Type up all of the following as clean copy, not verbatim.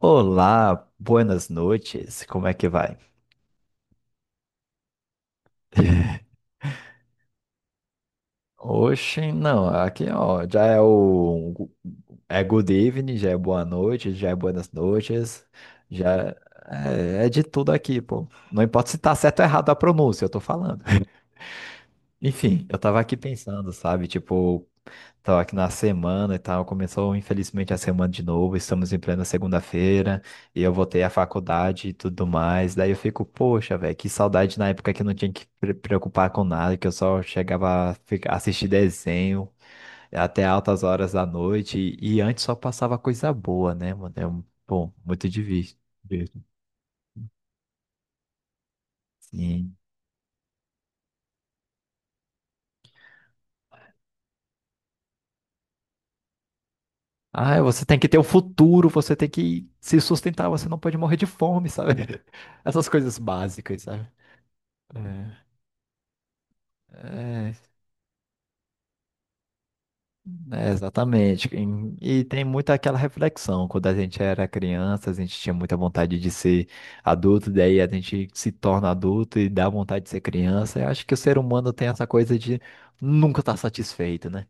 Olá, buenas noites, como é que vai? Oxe, não, aqui ó, já é o é good evening, já é boa noite, já é buenas noites, já é de tudo aqui, pô. Não importa se tá certo ou errado a pronúncia, eu tô falando. Enfim, eu tava aqui pensando, sabe, tipo, tava aqui na semana e tal, começou infelizmente a semana de novo, estamos em plena segunda-feira, e eu voltei à faculdade e tudo mais, daí eu fico, poxa, velho, que saudade na época que eu não tinha que preocupar com nada, que eu só chegava a assistir desenho até altas horas da noite, e antes só passava coisa boa, né, mano, é um, bom, muito difícil. Sim. Ah, você tem que ter um futuro, você tem que se sustentar, você não pode morrer de fome, sabe? Essas coisas básicas, sabe? É. É, é, exatamente. E tem muito aquela reflexão. Quando a gente era criança, a gente tinha muita vontade de ser adulto, daí a gente se torna adulto e dá vontade de ser criança. Eu acho que o ser humano tem essa coisa de nunca estar satisfeito, né?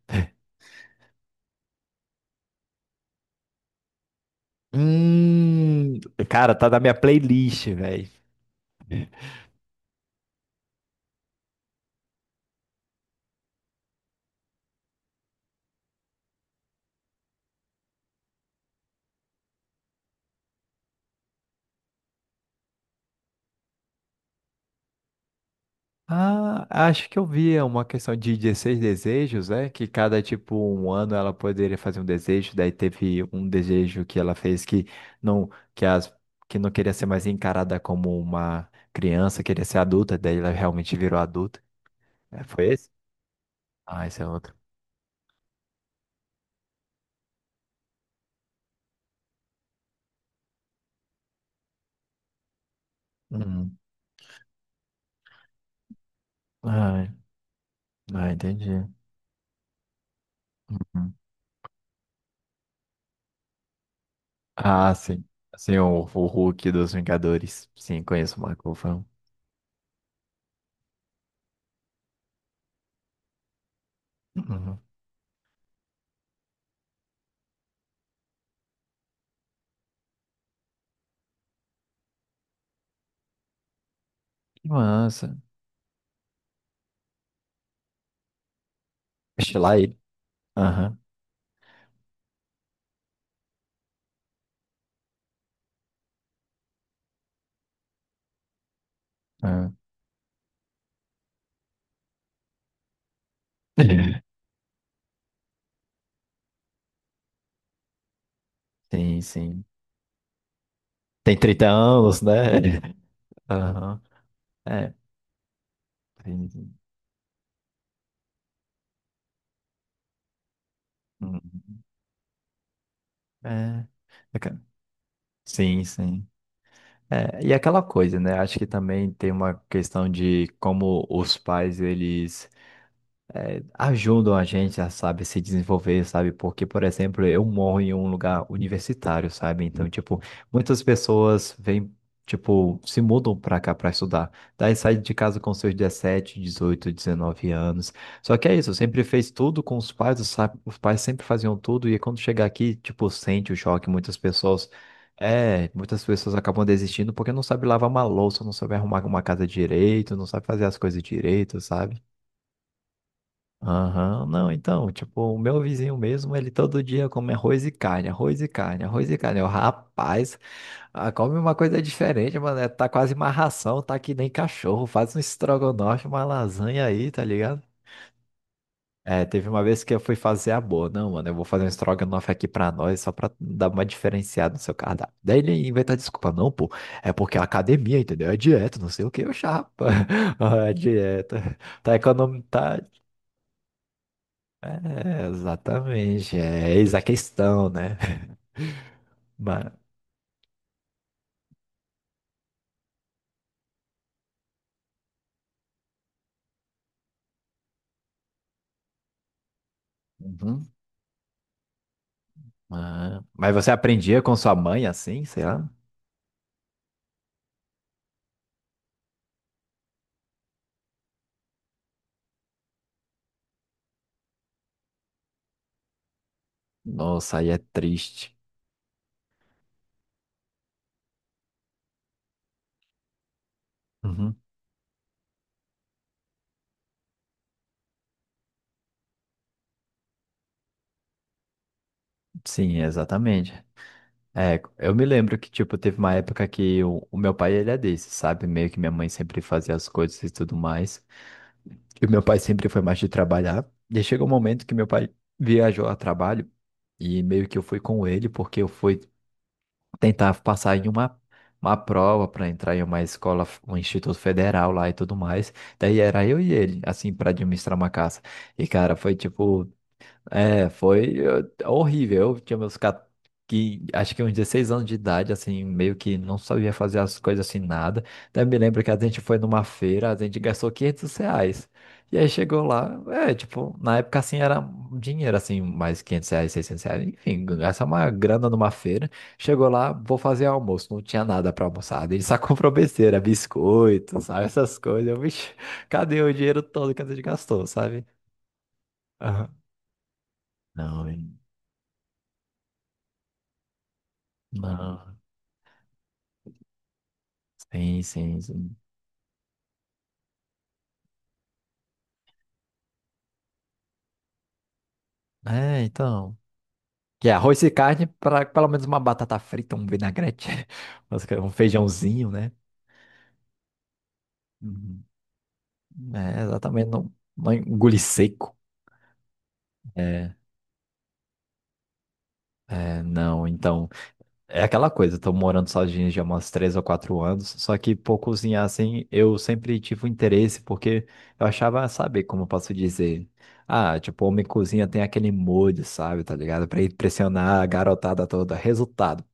Hum, cara, tá na minha playlist, velho. Ah, acho que eu vi uma questão de 16 desejos, né? Que cada, tipo, um ano ela poderia fazer um desejo, daí teve um desejo que ela fez que não, que as, que não queria ser mais encarada como uma criança, queria ser adulta, daí ela realmente virou adulta. É, foi esse? Ah, esse é outro. Uhum. Ah, ah, entendi. Uhum. Ah, sim. Sim, o Hulk dos Vingadores. Sim, conheço o Marco Ruffalo. Uhum. Que massa. Sei lá ele. Aham. Aham. Sim, sim. Tem 30 anos, né? Aham. É. tem- Uhum. É. Aca- Sim, sim. É, e aquela coisa, né? Acho que também tem uma questão de como os pais, eles ajudam a gente a, sabe, se desenvolver, sabe? Porque, por exemplo, eu moro em um lugar universitário, sabe? Então, tipo, muitas pessoas vêm, tipo, se mudam pra cá pra estudar. Daí sai de casa com seus 17, 18, 19 anos. Só que é isso, sempre fez tudo com os pais, os pais sempre faziam tudo, e quando chega aqui, tipo, sente o choque, muitas pessoas. É, muitas pessoas acabam desistindo porque não sabe lavar uma louça, não sabe arrumar uma casa direito, não sabe fazer as coisas direito, sabe? Aham. Não, então, tipo, o meu vizinho mesmo, ele todo dia come arroz e carne, arroz e carne, arroz e carne. Eu, rapaz, ah, come uma coisa diferente, mano, é, tá quase uma ração, tá que nem cachorro, faz um estrogonofe, uma lasanha aí, tá ligado? É, teve uma vez que eu fui fazer a boa, não, mano, eu vou fazer um estrogonofe aqui pra nós, só pra dar uma diferenciada no seu cardápio. Daí ele inventa desculpa, não, pô, é porque é academia, entendeu? É dieta, não sei o que, eu chapa, é dieta. Tá economizando. É, exatamente. É eis a questão, né? Mas, Uhum. Ah, mas você aprendia com sua mãe assim, sei lá? Nossa, aí é triste. Uhum. Sim, exatamente. É, eu me lembro que, tipo, teve uma época que o meu pai, ele é desse, sabe? Meio que minha mãe sempre fazia as coisas e tudo mais. E o meu pai sempre foi mais de trabalhar. E aí chegou um momento que meu pai viajou a trabalho e meio que eu fui com ele, porque eu fui tentar passar em uma prova para entrar em uma escola, um instituto federal lá e tudo mais. Daí era eu e ele, assim, para administrar uma casa. E, cara, foi tipo. É, horrível. Eu tinha que acho que uns 16 anos de idade, assim, meio que não sabia fazer as coisas assim, nada. Daí eu me lembro que a gente foi numa feira, a gente gastou R$ 500. E aí chegou lá, é, tipo, na época assim era um dinheiro, assim, mais R$ 500, R$ 600, enfim, gastar uma grana numa feira. Chegou lá, vou fazer almoço, não tinha nada pra almoçar. A só comprou besteira, biscoito, sabe, essas coisas. Eu, vixe, cadê o dinheiro todo que a gente gastou, sabe? Aham. Não, não, sim, sim, sim. É, então. Que é arroz e carne, pra, pelo menos uma batata frita, um vinagrete, mas que é um feijãozinho, né? Uhum. É, exatamente, não, não engolir seco. É, é, não, então. É aquela coisa, eu tô morando sozinho já há umas 3 ou 4 anos, só que por cozinhar assim, eu sempre tive um interesse, porque eu achava, sabe, como eu posso dizer. Ah, tipo, homem cozinha tem aquele molho, sabe, tá ligado? Pra impressionar a garotada toda. Resultado.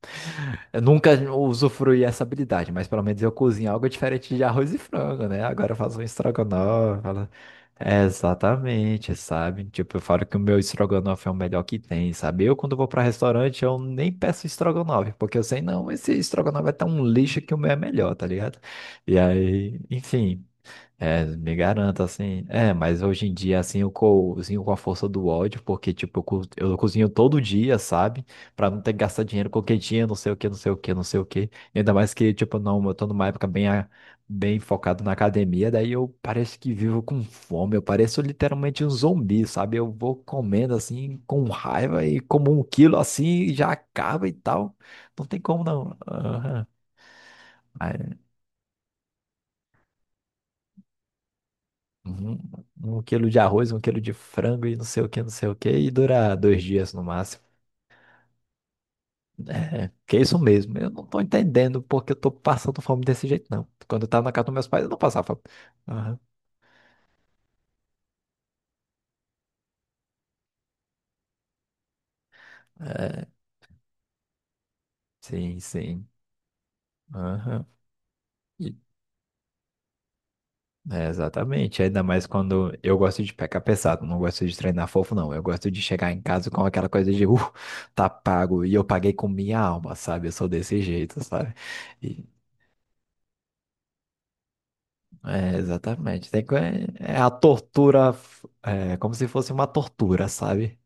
Eu nunca usufruí essa habilidade, mas pelo menos eu cozinho algo diferente de arroz e frango, né? Agora eu faço um estrogonofe. É, exatamente, sabe? Tipo, eu falo que o meu estrogonofe é o melhor que tem, sabe? Eu, quando vou para restaurante, eu nem peço estrogonofe, porque eu sei, não, esse estrogonofe é tão lixo que o meu é melhor, tá ligado? E aí, enfim. É, me garanto, assim. É, mas hoje em dia, assim, eu cozinho com a força do ódio, porque, tipo, eu cozinho todo dia, sabe? Pra não ter que gastar dinheiro com quentinha, não sei o que, não sei o que, não sei o que. Ainda mais que, tipo, não, eu tô numa época bem, bem focado na academia, daí eu pareço que vivo com fome, eu pareço literalmente um zumbi, sabe? Eu vou comendo, assim, com raiva e como 1 quilo, assim, e já acaba e tal. Não tem como, não. Aham. Um, um quilo de arroz, 1 quilo de frango e não sei o que, não sei o que, e dura 2 dias no máximo. É, que é isso mesmo. Eu não tô entendendo porque eu tô passando fome desse jeito, não. Quando eu tava na casa dos meus pais, eu não passava fome. Aham. É, sim, sim. Aham. E- é, exatamente. Ainda mais quando eu gosto de pegar pesado, não gosto de treinar fofo, não. Eu gosto de chegar em casa com aquela coisa de, tá pago, e eu paguei com minha alma, sabe? Eu sou desse jeito, sabe? É, exatamente. Tem que, é, é a tortura, é como se fosse uma tortura, sabe?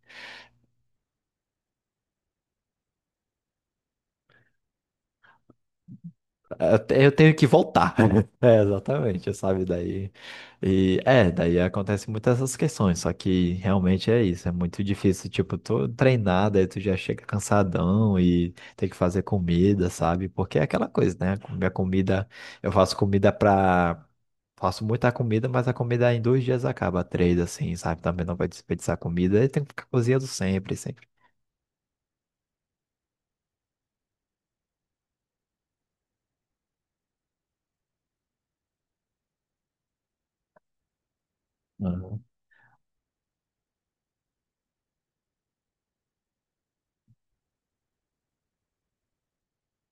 Eu tenho que voltar. É, exatamente, sabe? Daí. E é, daí acontece muitas essas questões, só que realmente é isso, é muito difícil, tipo, tu treinar, daí tu já chega cansadão e tem que fazer comida, sabe? Porque é aquela coisa, né? Minha comida, eu faço comida pra. Faço muita comida, mas a comida em 2 dias acaba, três, assim, sabe? Também não vai desperdiçar comida, aí tem que ficar cozinhando sempre, sempre. Uhum.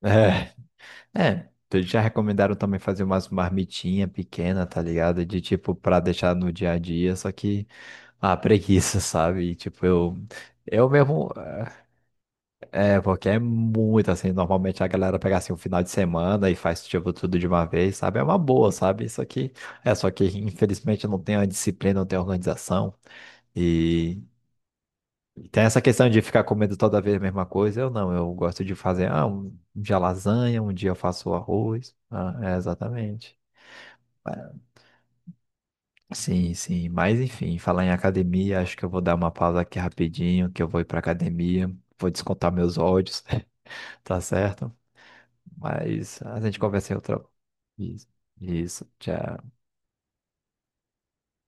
É, é, então eles já recomendaram também fazer umas marmitinhas pequenas, tá ligado? De tipo, pra deixar no dia a dia, só que a preguiça, sabe? E, tipo, eu mesmo. É, porque é muito assim. Normalmente a galera pega assim o final de semana e faz tipo tudo de uma vez, sabe? É uma boa, sabe? Isso aqui é, só que infelizmente não tem a disciplina, não tem a organização. E tem essa questão de ficar comendo toda vez a mesma coisa. Eu não, eu gosto de fazer, ah, um dia lasanha, um dia eu faço arroz. Ah, é, exatamente. Sim, sim. Mas enfim, falar em academia, acho que eu vou dar uma pausa aqui rapidinho, que eu vou ir pra academia, vou descontar meus ódios, tá certo? Mas a gente conversa em outra. Isso, isso, tchau.